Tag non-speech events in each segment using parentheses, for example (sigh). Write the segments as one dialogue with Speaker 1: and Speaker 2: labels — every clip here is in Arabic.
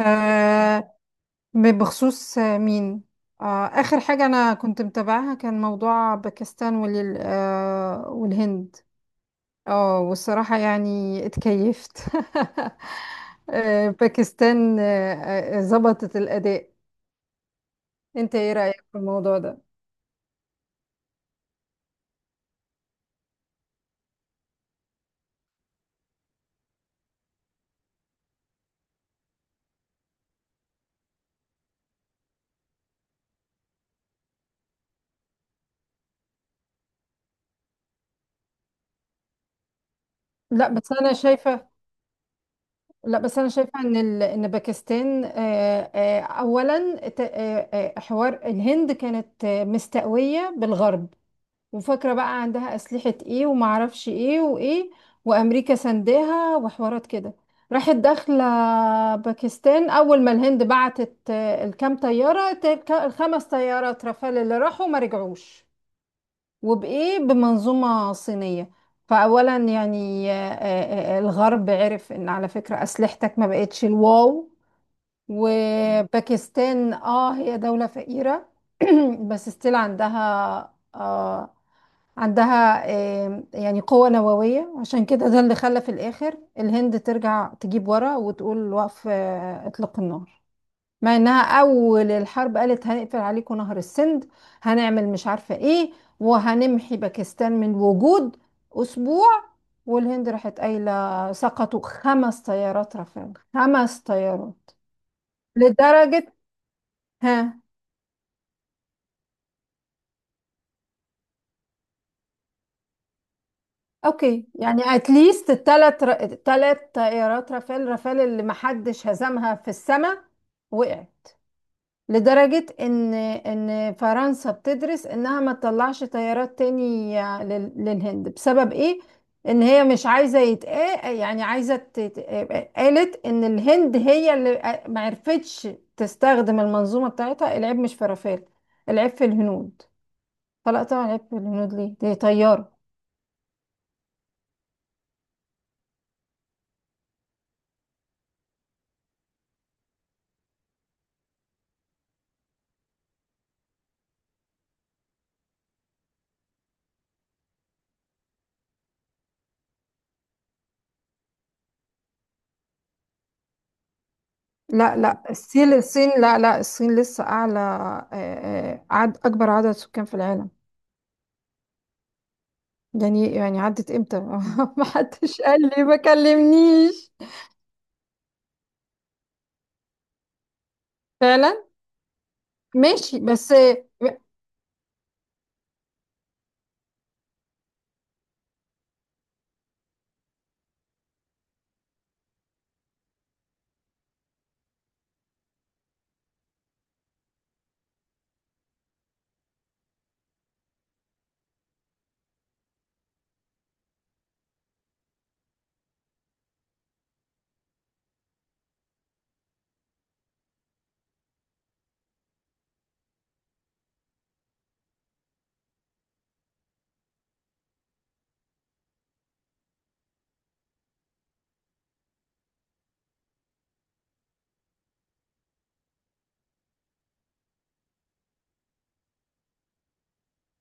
Speaker 1: آه بخصوص مين. آخر حاجة أنا كنت متابعها كان موضوع باكستان وال آه والهند. اه والصراحة يعني اتكيفت. (laughs) باكستان ظبطت الأداء. انت ايه رأيك في الموضوع ده؟ لا بس أنا شايفة لا بس أنا شايفة إن باكستان أولا حوار الهند كانت مستقوية بالغرب، وفاكرة بقى عندها أسلحة ايه ومعرفش ايه وايه، وأمريكا سنداها وحوارات كده، راحت داخلة. باكستان أول ما الهند بعتت الكام طيارة الخمس طيارات رافال اللي راحوا ما رجعوش، وبإيه؟ بمنظومة صينية. فأولا يعني الغرب عرف إن على فكرة أسلحتك ما بقتش الواو. وباكستان هي دولة فقيرة، (clears throat) بس ستيل عندها يعني قوة نووية، عشان كده ده اللي خلى في الآخر الهند ترجع تجيب ورا وتقول وقف إطلاق النار، مع إنها أول الحرب قالت هنقفل عليكم نهر السند، هنعمل مش عارفة إيه، وهنمحي باكستان من وجود أسبوع. والهند راحت قايلة سقطوا خمس طيارات رافال، خمس طيارات لدرجة. ها. اوكي، يعني اتليست تلات طائرات رافال اللي محدش هزمها في السماء وقعت، لدرجة ان فرنسا بتدرس انها ما تطلعش طيارات تاني للهند. بسبب ايه؟ ان هي مش عايزة يتقا يعني عايزة قالت ان الهند هي اللي ما عرفتش تستخدم المنظومة بتاعتها، العيب مش في رافال، العيب في الهنود. فلا طبعا العيب في الهنود، ليه؟ دي طيارة. لا لا الصين الصين لا لا الصين لسه أعلى، آه، عد أكبر عدد سكان في العالم. يعني عدت إمتى؟ (laughs) ما حدش قال لي، ما كلمنيش. فعلا. ماشي بس.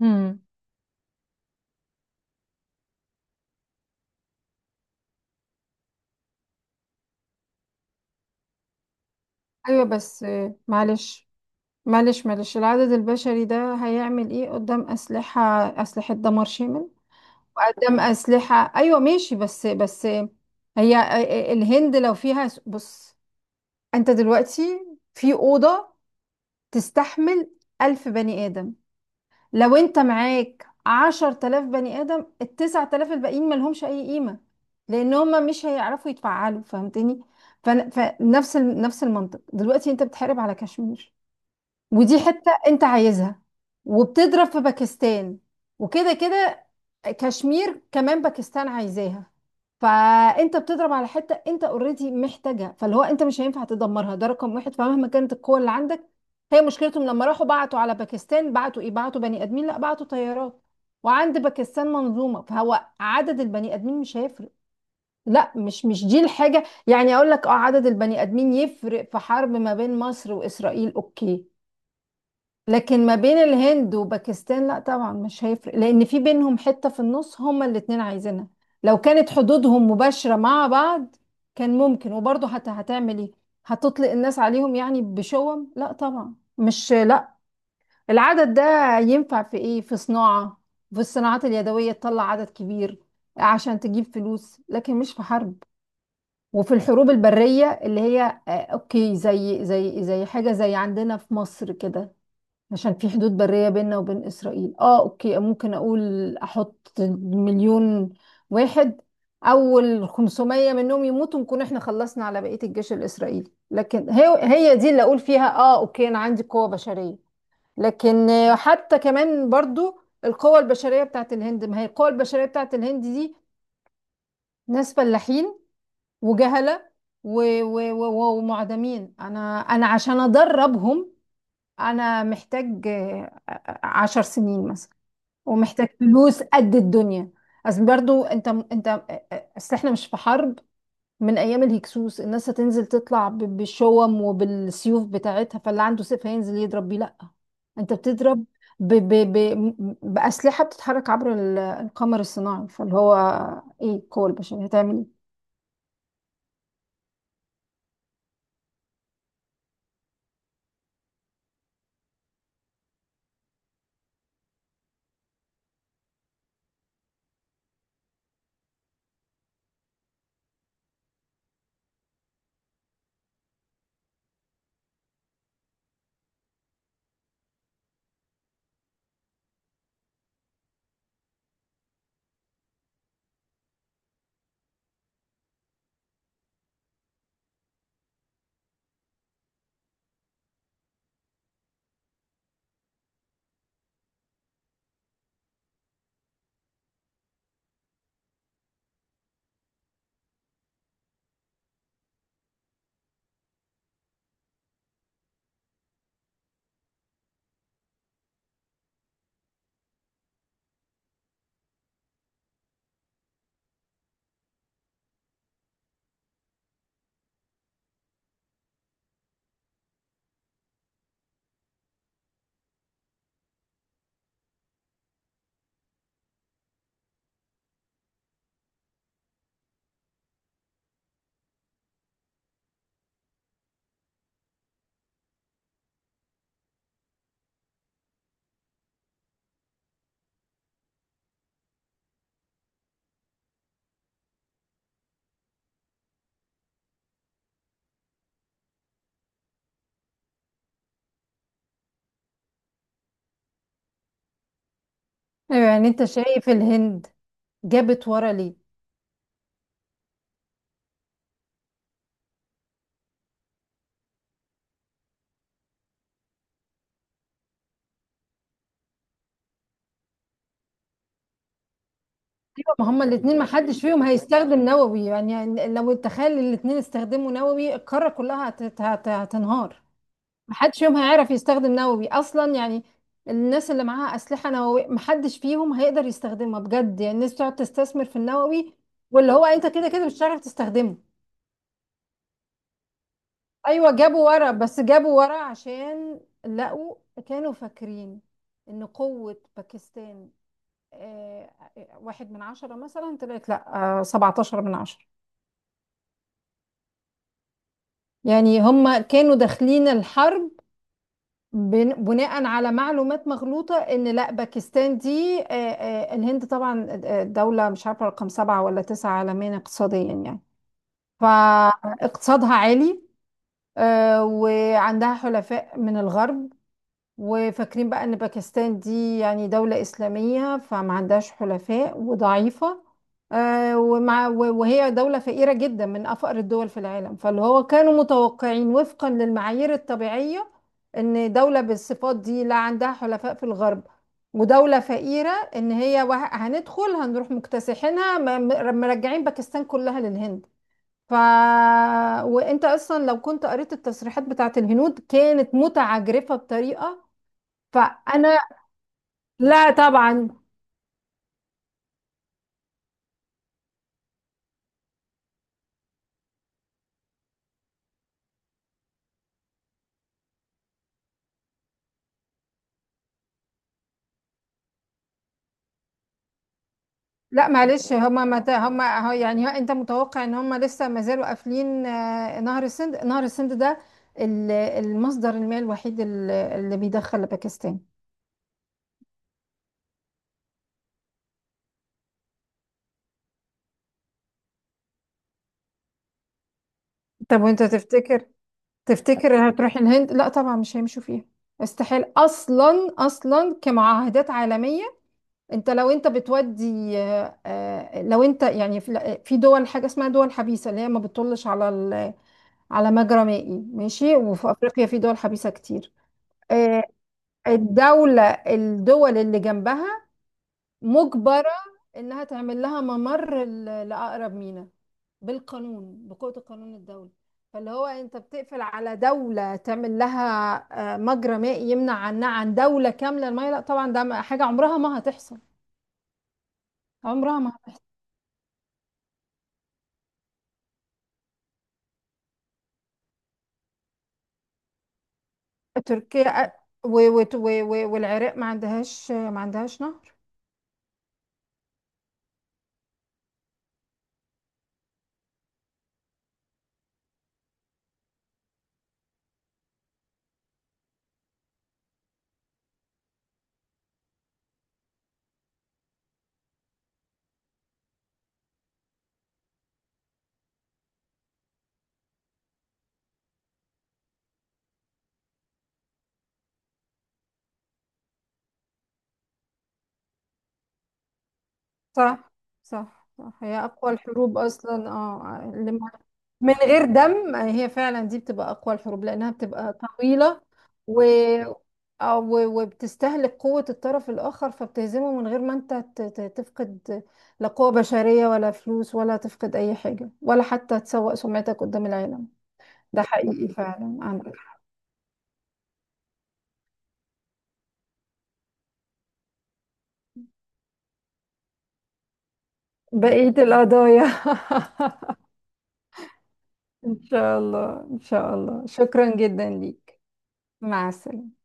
Speaker 1: امم. أيوه بس، معلش، معلش، العدد البشري ده هيعمل إيه قدام أسلحة، أسلحة دمار شامل؟ وقدام أسلحة، أيوه ماشي، بس هي الهند لو فيها، بص، أنت دلوقتي في أوضة تستحمل 1000 بني آدم، لو أنت معاك 10 تلاف بني آدم، ال9 تلاف الباقيين ملهمش أي قيمة، لأن هما مش هيعرفوا يتفعلوا، فهمتني؟ فنفس نفس المنطق دلوقتي أنت بتحارب على كشمير، ودي حتة انت عايزها، وبتضرب في باكستان، وكده كده كشمير كمان باكستان عايزاها. فانت بتضرب على حتة انت اوريدي محتاجها، فاللي هو انت مش هينفع تدمرها، ده رقم واحد، فمهما كانت القوة اللي عندك. هي مشكلتهم لما راحوا بعتوا على باكستان بعتوا ايه؟ بعتوا بني ادمين؟ لا، بعتوا طيارات، وعند باكستان منظومة، فهو عدد البني ادمين مش هيفرق. لا، مش دي الحاجة، يعني اقول لك اه عدد البني ادمين يفرق في حرب ما بين مصر واسرائيل، اوكي، لكن ما بين الهند وباكستان لا طبعا مش هيفرق، لان في بينهم حتة في النص هما الاتنين عايزينها. لو كانت حدودهم مباشرة مع بعض كان ممكن، وبرضه هتعمل ايه؟ هتطلق الناس عليهم يعني بشوم؟ لا طبعا، مش لا، العدد ده ينفع في ايه؟ في صناعة، في الصناعات اليدوية تطلع عدد كبير عشان تجيب فلوس، لكن مش في حرب. وفي الحروب البرية اللي هي اوكي، زي حاجة زي عندنا في مصر كده، عشان في حدود برية بيننا وبين إسرائيل، اه اوكي ممكن اقول احط مليون واحد، اول 500 منهم يموتوا نكون احنا خلصنا على بقية الجيش الإسرائيلي، لكن هي هي دي اللي اقول فيها اه اوكي انا عندي قوة بشرية. لكن حتى كمان برضو، القوة البشرية بتاعت الهند، ما هي القوة البشرية بتاعت الهند دي ناس فلاحين وجهلة ومعدمين. انا عشان ادربهم انا محتاج 10 سنين مثلا، ومحتاج فلوس قد الدنيا. اصل برضو انت اصل احنا مش في حرب من ايام الهكسوس، الناس هتنزل تطلع بالشوم وبالسيوف بتاعتها، فاللي عنده سيف هينزل يضرب بيه. لا، انت بتضرب ب ب ب باسلحه بتتحرك عبر القمر الصناعي، فاللي هو ايه القوه البشريه هتعمل؟ ايه يعني انت شايف الهند جابت ورا ليه؟ ايوه، ما هما الاثنين ما حدش فيهم هيستخدم نووي، يعني لو تخيل الاثنين استخدموا نووي القاره كلها هتنهار، ما حدش فيهم هيعرف يستخدم نووي اصلا يعني. الناس اللي معاها اسلحه نوويه ما حدش فيهم هيقدر يستخدمها بجد، يعني الناس بتقعد تستثمر في النووي، واللي هو انت كده كده مش هتعرف تستخدمه. ايوه جابوا ورا، بس جابوا ورا عشان لقوا، كانوا فاكرين ان قوه باكستان آه، 1 من 10 مثلا، طلعت لا 17 من 10. يعني هم كانوا داخلين الحرب بناء على معلومات مغلوطة، ان لا باكستان دي الهند طبعا دولة، مش عارفة رقم سبعة ولا تسعة عالميا اقتصاديا يعني، فاقتصادها عالي، وعندها حلفاء من الغرب، وفاكرين بقى ان باكستان دي يعني دولة اسلامية فما عندهاش حلفاء وضعيفة، وهي دولة فقيرة جدا من افقر الدول في العالم، فاللي هو كانوا متوقعين وفقا للمعايير الطبيعية، ان دولة بالصفات دي لا عندها حلفاء في الغرب ودولة فقيرة، ان هي هندخل هنروح مكتسحينها مرجعين باكستان كلها للهند. ف وانت اصلا لو كنت قريت التصريحات بتاعت الهنود كانت متعجرفة بطريقة. فانا لا طبعا. لا معلش هما هو يعني هو انت متوقع ان هما لسه ما زالوا قافلين نهر السند، نهر السند ده المصدر المائي الوحيد اللي بيدخل لباكستان؟ طب وانت تفتكر، تفتكر هتروح الهند؟ لا طبعا مش هيمشوا فيها، استحيل، اصلا كمعاهدات عالميه. انت لو انت بتودي لو انت يعني في دول حاجه اسمها دول حبيسه، اللي هي ما بتطلش على على مجرى مائي ماشي، وفي افريقيا في دول حبيسه كتير آه، الدول اللي جنبها مجبره انها تعمل لها ممر لاقرب ميناء، بالقانون، بقوه القانون الدولي. فاللي هو انت بتقفل على دوله تعمل لها مجرى مائي يمنع عنها عن دوله كامله الميه؟ لا طبعا ده حاجه عمرها ما هتحصل، عمرها ما هتحصل. تركيا والعراق ما عندهاش، ما عندهاش نهر. صح صح صح، هي أقوى الحروب أصلا اه اللي من غير دم، هي فعلا دي بتبقى أقوى الحروب لأنها بتبقى طويلة، و أو وبتستهلك قوة الطرف الآخر فبتهزمه من غير ما أنت تفقد لا قوة بشرية ولا فلوس ولا تفقد أي حاجة ولا حتى تسوء سمعتك قدام العالم. ده حقيقي فعلا، عندك حق. بقية القضايا. (laughs) إن شاء الله، إن شاء الله، شكرا جدا ليك. مع السلامة.